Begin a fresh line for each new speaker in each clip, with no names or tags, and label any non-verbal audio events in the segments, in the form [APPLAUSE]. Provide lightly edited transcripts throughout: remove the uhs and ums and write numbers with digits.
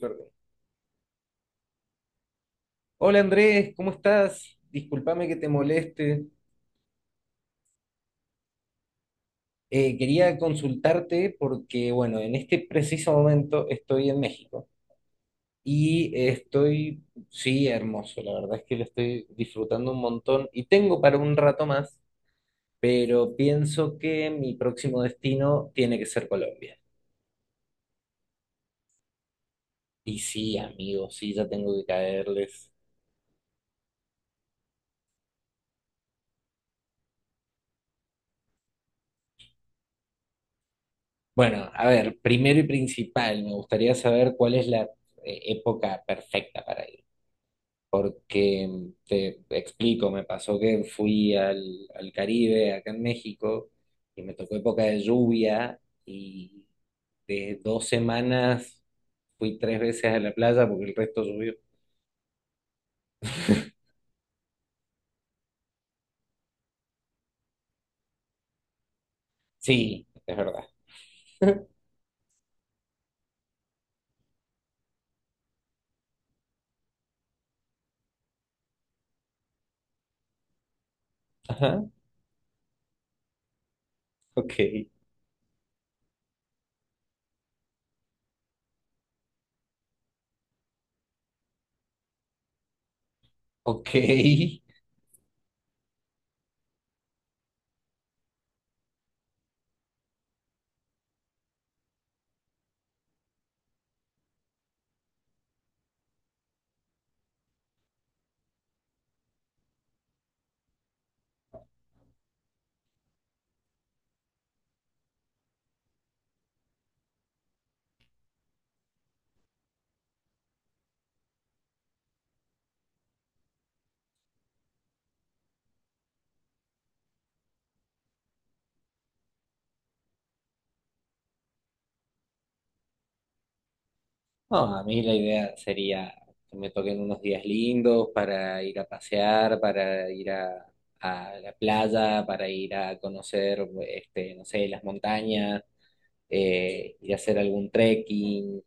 Perdón. Hola Andrés, ¿cómo estás? Discúlpame que te moleste. Quería consultarte porque, bueno, en este preciso momento estoy en México y sí, hermoso, la verdad es que lo estoy disfrutando un montón y tengo para un rato más, pero pienso que mi próximo destino tiene que ser Colombia. Y sí, amigo, sí, ya tengo que caerles. Bueno, a ver, primero y principal, me gustaría saber cuál es la época perfecta para ir. Porque te explico, me pasó que fui al Caribe, acá en México, y me tocó época de lluvia, y de dos semanas fui tres veces a la playa porque el resto llovió. Sí, es verdad. [LAUGHS] Ajá, ok, ok. No, a mí la idea sería que me toquen unos días lindos para ir a pasear, a la playa, para ir a conocer, este, no sé, las montañas. Ir a hacer algún trekking.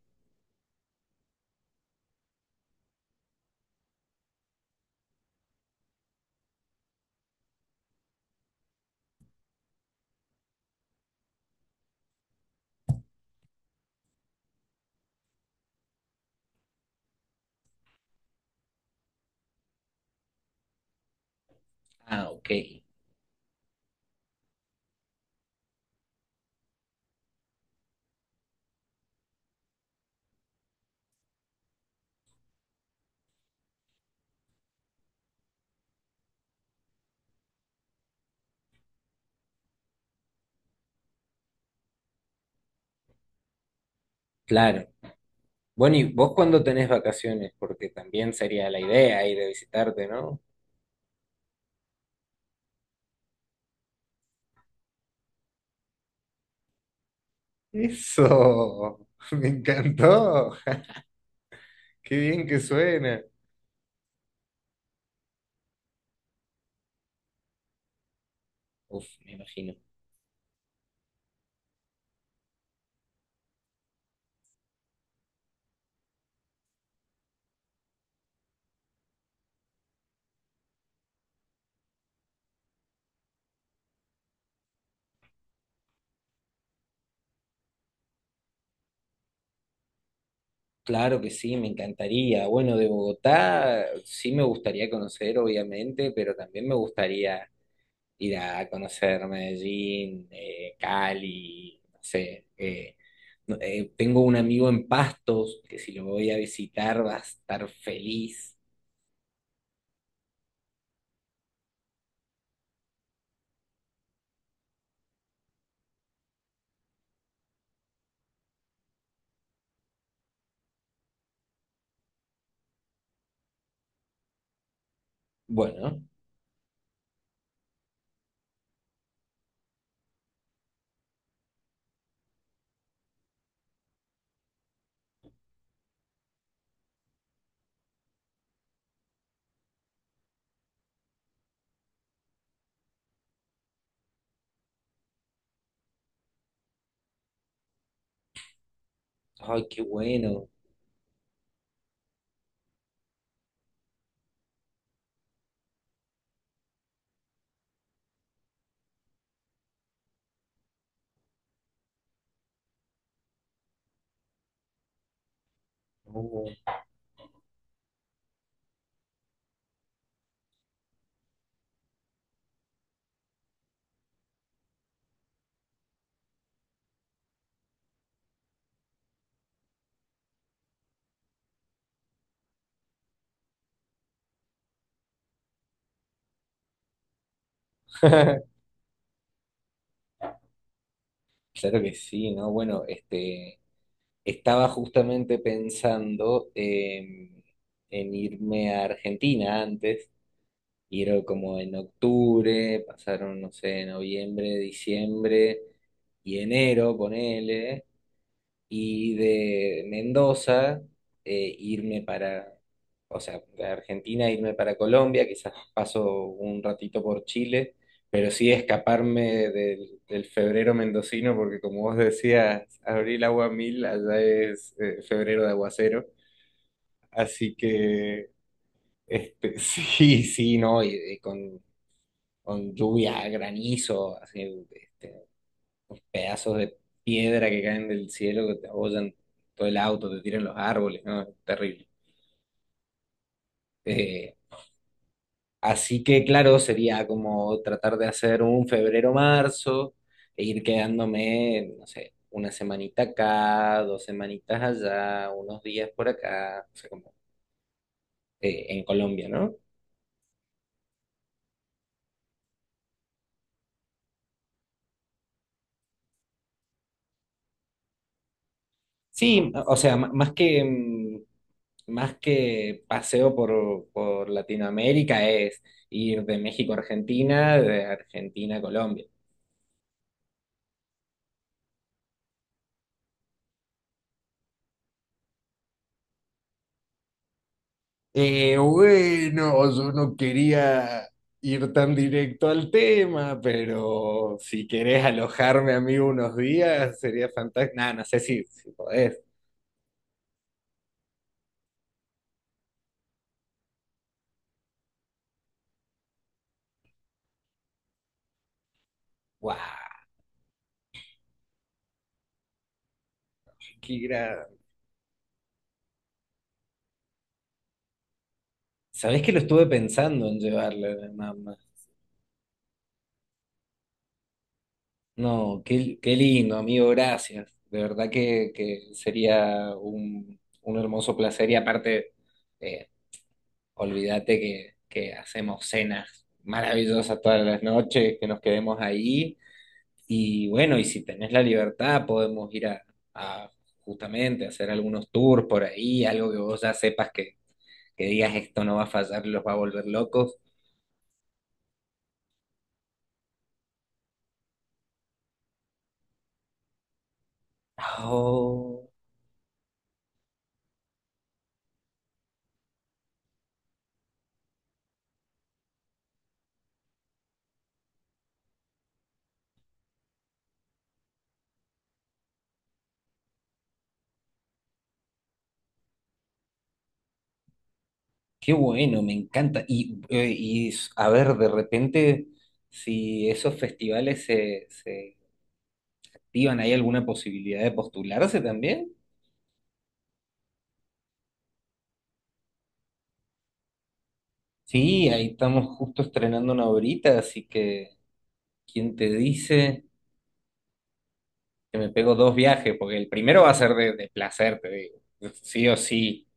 Ah, ok, claro. Bueno, ¿y vos cuándo tenés vacaciones? Porque también sería la idea ir a visitarte, ¿no? Eso, [LAUGHS] me encantó. Qué bien que suena. Uf, me imagino. Claro que sí, me encantaría. Bueno, de Bogotá sí me gustaría conocer, obviamente, pero también me gustaría ir a conocer Medellín, Cali, no sé. Tengo un amigo en Pastos que si lo voy a visitar va a estar feliz. Bueno, ay, qué bueno. Uh, [LAUGHS] claro que sí, ¿no? Bueno, este, estaba justamente en irme a Argentina antes, ir como en octubre, pasaron, no sé, noviembre, diciembre y enero, ponele. Y de Mendoza eh, irme para, o sea, de Argentina irme para Colombia, quizás paso un ratito por Chile, pero sí escaparme del febrero mendocino, porque como vos decías, abril agua mil, allá es febrero de aguacero, así que este, [LAUGHS] sí, sí, no, con lluvia, granizo, así, este, pedazos de piedra que caen del cielo, que te abollan todo el auto, te tiran los árboles, ¿no? Es terrible. Eh, Así que, claro, sería como tratar de hacer un febrero-marzo e ir quedándome, no sé, una semanita acá, dos semanitas allá, unos días por acá, o sea, como en Colombia, ¿no? Sí, o sea, más que más que paseo por Latinoamérica es ir de México a Argentina, de Argentina a Colombia. Bueno, yo no quería ir tan directo al tema, pero si querés alojarme a mí unos días, sería fantástico. Nada, no sé si podés. ¡Guau! ¡Qué gran! ¿Sabés que lo estuve pensando en llevarle a mi mamá? No, qué, qué lindo, amigo, gracias. De verdad que sería un hermoso placer y aparte, eh, olvídate que hacemos cenas maravillosas todas las noches, que nos quedemos ahí y bueno, y si tenés la libertad podemos ir a justamente hacer algunos tours por ahí, algo que vos ya sepas que digas esto no va a fallar, los va a volver locos. Oh, qué bueno, me encanta. Y, a ver, de repente, si esos festivales se activan, ¿hay alguna posibilidad de postularse también? Sí, ahí estamos justo estrenando una obrita, así que ¿quién te dice que me pego dos viajes? Porque el primero va a ser de placer, te digo. Sí o sí.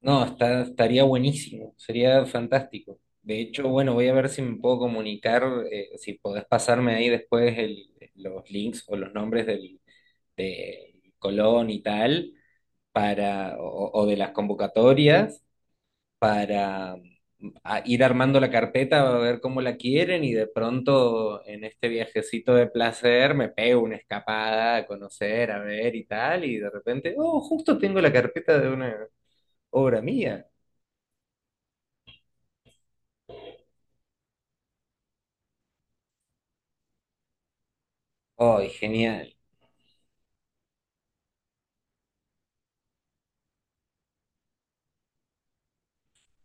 No, está, estaría buenísimo, sería fantástico. De hecho, bueno, voy a ver si me puedo comunicar, si podés pasarme ahí después los links o los nombres del de Colón y tal, o de las convocatorias, para a ir armando la carpeta, a ver cómo la quieren y de pronto en este viajecito de placer me pego una escapada a conocer, a ver y tal, y de repente, oh, justo tengo la carpeta de una obra mía. ¡Ay, genial!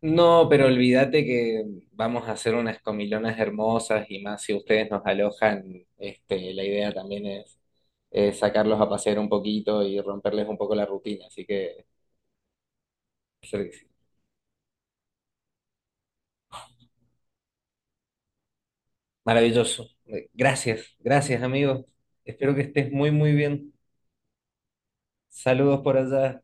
No, pero olvídate que vamos a hacer unas comilonas hermosas y más si ustedes nos alojan, este, la idea también es sacarlos a pasear un poquito y romperles un poco la rutina, así que sí, sí. Maravilloso. Gracias, gracias amigos. Espero que estés muy muy bien. Saludos por allá.